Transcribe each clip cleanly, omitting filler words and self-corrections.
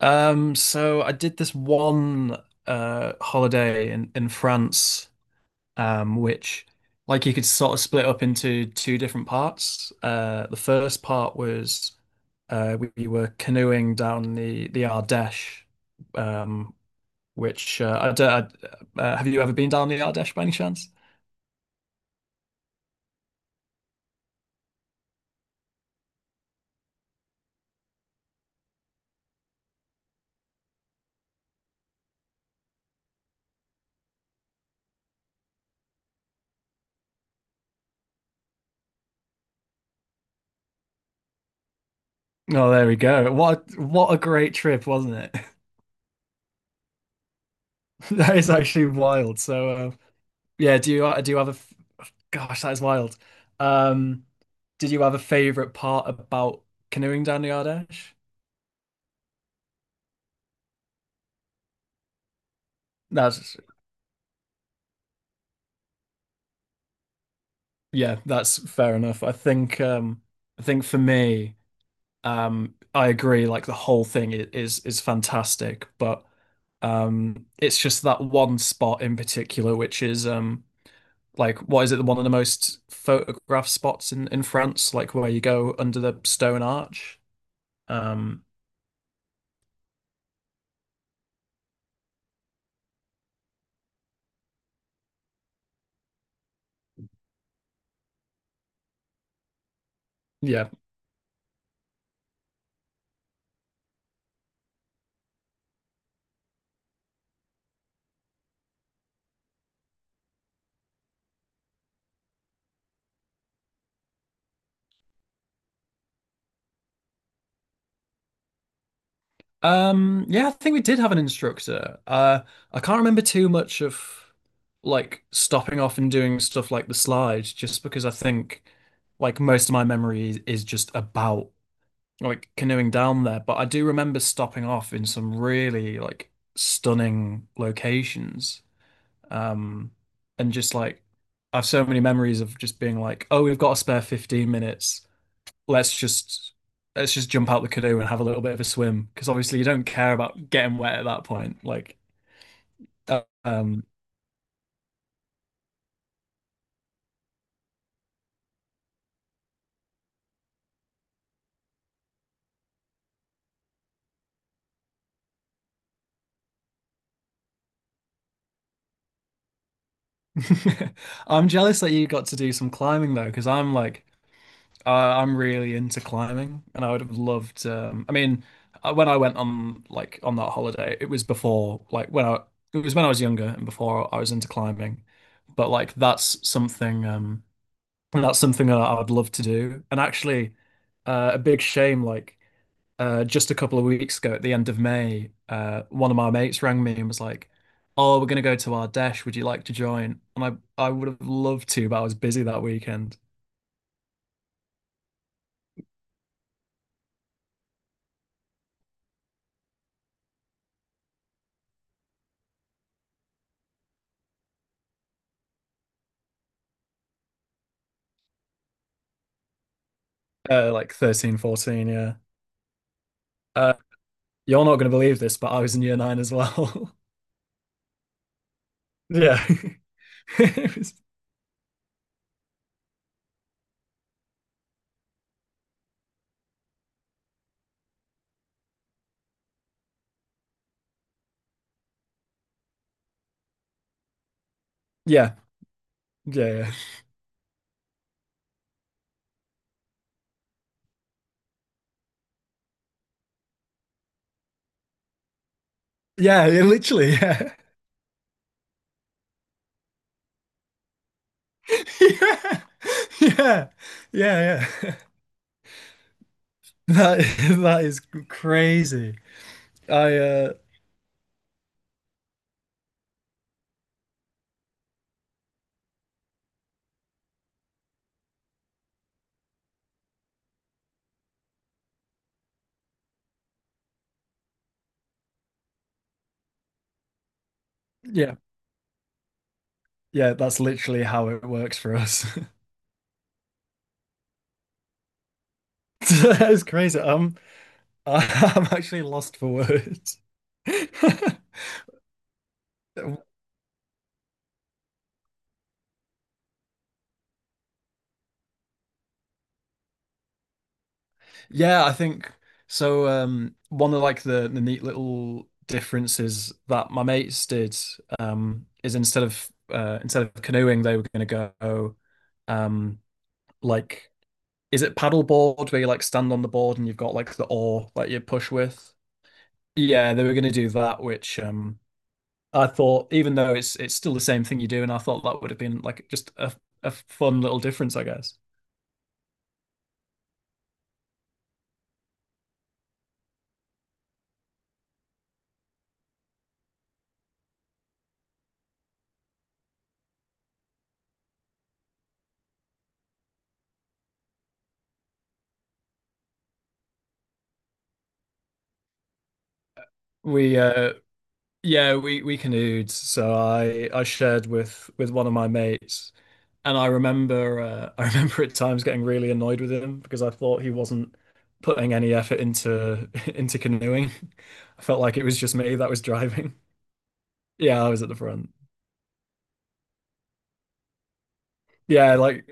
So I did this one holiday in France, which like you could sort of split up into two different parts. The first part was were canoeing down the Ardèche, um, which I don't, I- have you ever been down the Ardèche by any chance? Oh, there we go. What a great trip, wasn't it? That is actually wild. Do you have a gosh, that is wild. Um, did you have a favorite part about canoeing down the Ardèche? That's yeah, that's fair enough. I think for me, I agree, like the whole thing is is fantastic, but it's just that one spot in particular which is like what is it, one of the most photographed spots in France, like where you go under the stone arch. Um yeah, yeah, I think we did have an instructor. I can't remember too much of like stopping off and doing stuff like the slide, just because I think like most of my memory is just about like canoeing down there. But I do remember stopping off in some really like stunning locations. Um, and just like I have so many memories of just being like, oh, we've got a spare 15 minutes. Let's just let's just jump out the canoe and have a little bit of a swim because obviously you don't care about getting wet at that point. Uh, um, I'm jealous that you got to do some climbing though because I'm like I'm really into climbing and I would have loved. When I went on like on that holiday, it was when I was younger and before I was into climbing, but like that's something that's something that I would love to do. And actually a big shame, like just a couple of weeks ago at the end of May, one of my mates rang me and was like, "Oh, we're gonna go to Ardèche. Would you like to join?" And I would have loved to, but I was busy that weekend. Like 13, 14. Yeah. Uh, you're not gonna believe this, but I was in year 9 as well. Yeah. It was- yeah, yeah, yeah, yeah, yeah, literally, yeah, yeah, yeah, yeah, yeah. That that is crazy. I yeah. Yeah, that's literally how it works for us. That is crazy. I'm actually lost for words. Yeah, I think so. One of like the neat little differences that my mates did is instead of canoeing, they were going to go um, like is it paddleboard where you like stand on the board and you've got like the oar that you push with? Yeah, they were going to do that, which I thought, even though it's still the same thing you do, and I thought that would have been like just a fun little difference, I guess. We yeah, we canoed, so I shared with one of my mates, and I remember I remember at times getting really annoyed with him because I thought he wasn't putting any effort into into canoeing. I felt like it was just me that was driving. Yeah, I was at the front. Yeah, like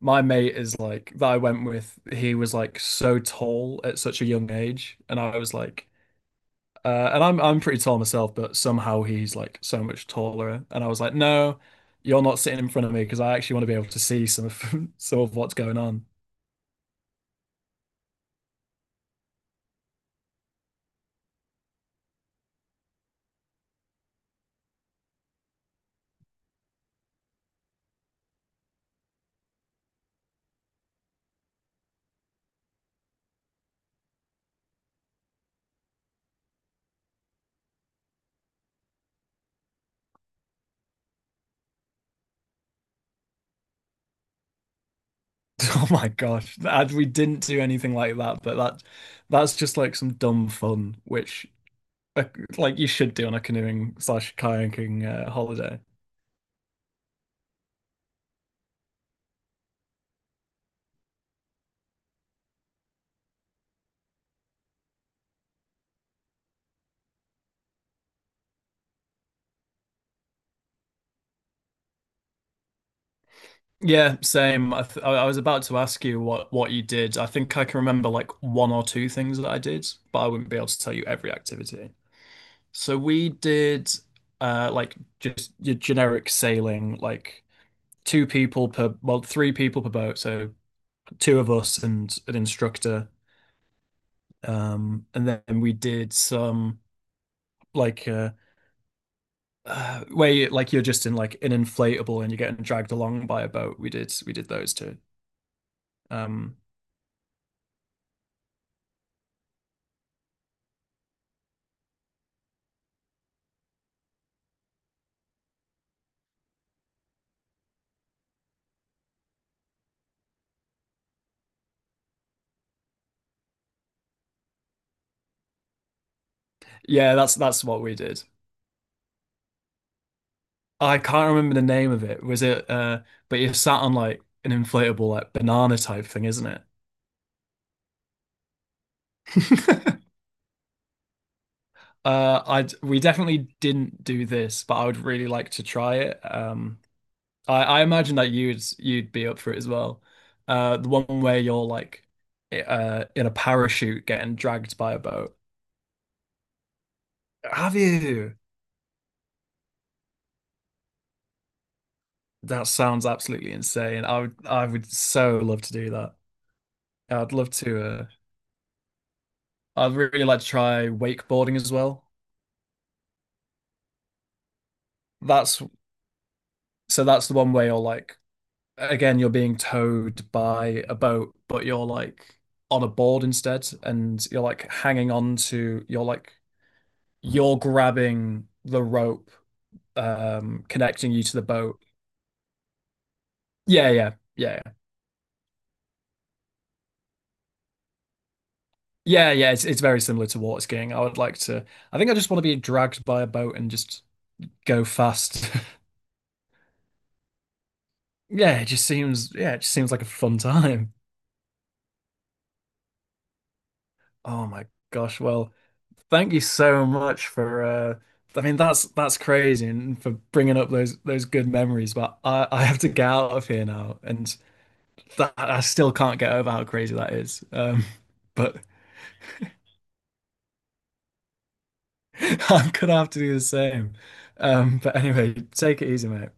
my mate is like that I went with, he was like so tall at such a young age. And I was like, and I'm pretty tall myself, but somehow he's like so much taller. And I was like, no, you're not sitting in front of me because I actually want to be able to see some of some of what's going on. Oh my gosh. And we didn't do anything like that, but that that's just like some dumb fun, which uh, like you should do on a canoeing slash kayaking holiday. Yeah, same. I was about to ask you what you did. I think I can remember like one or two things that I did, but I wouldn't be able to tell you every activity. So we did like just your generic sailing, like two people per well, three people per boat, so two of us and an instructor. And then we did some like uh, where you like you're just in like an inflatable and you're getting dragged along by a boat. We did those two. Um yeah, that's what we did. I can't remember the name of it. Was it But you're sat on like an inflatable like banana type thing, isn't it? I We definitely didn't do this, but I would really like to try it. I imagine that you'd be up for it as well. The one where you're like in a parachute getting dragged by a boat. Have you? That sounds absolutely insane. I would so love to do that. I'd love to uh I'd really like to try wakeboarding as well. That's so that's the one where you're like, again, you're being towed by a boat, but you're like on a board instead, and you're like hanging on to, you're like, you're grabbing the rope, connecting you to the boat. Yeah, yeah, yeah, yeah, yeah. Yeah, it's very similar to water skiing. I would like to. I think I just want to be dragged by a boat and just go fast. Yeah, it just seems. Yeah, it just seems like a fun time. Oh my gosh. Well, thank you so much for I mean that's crazy and for bringing up those good memories, but I have to get out of here now and that I still can't get over how crazy that is. But I'm gonna have to do the same. But anyway, take it easy, mate.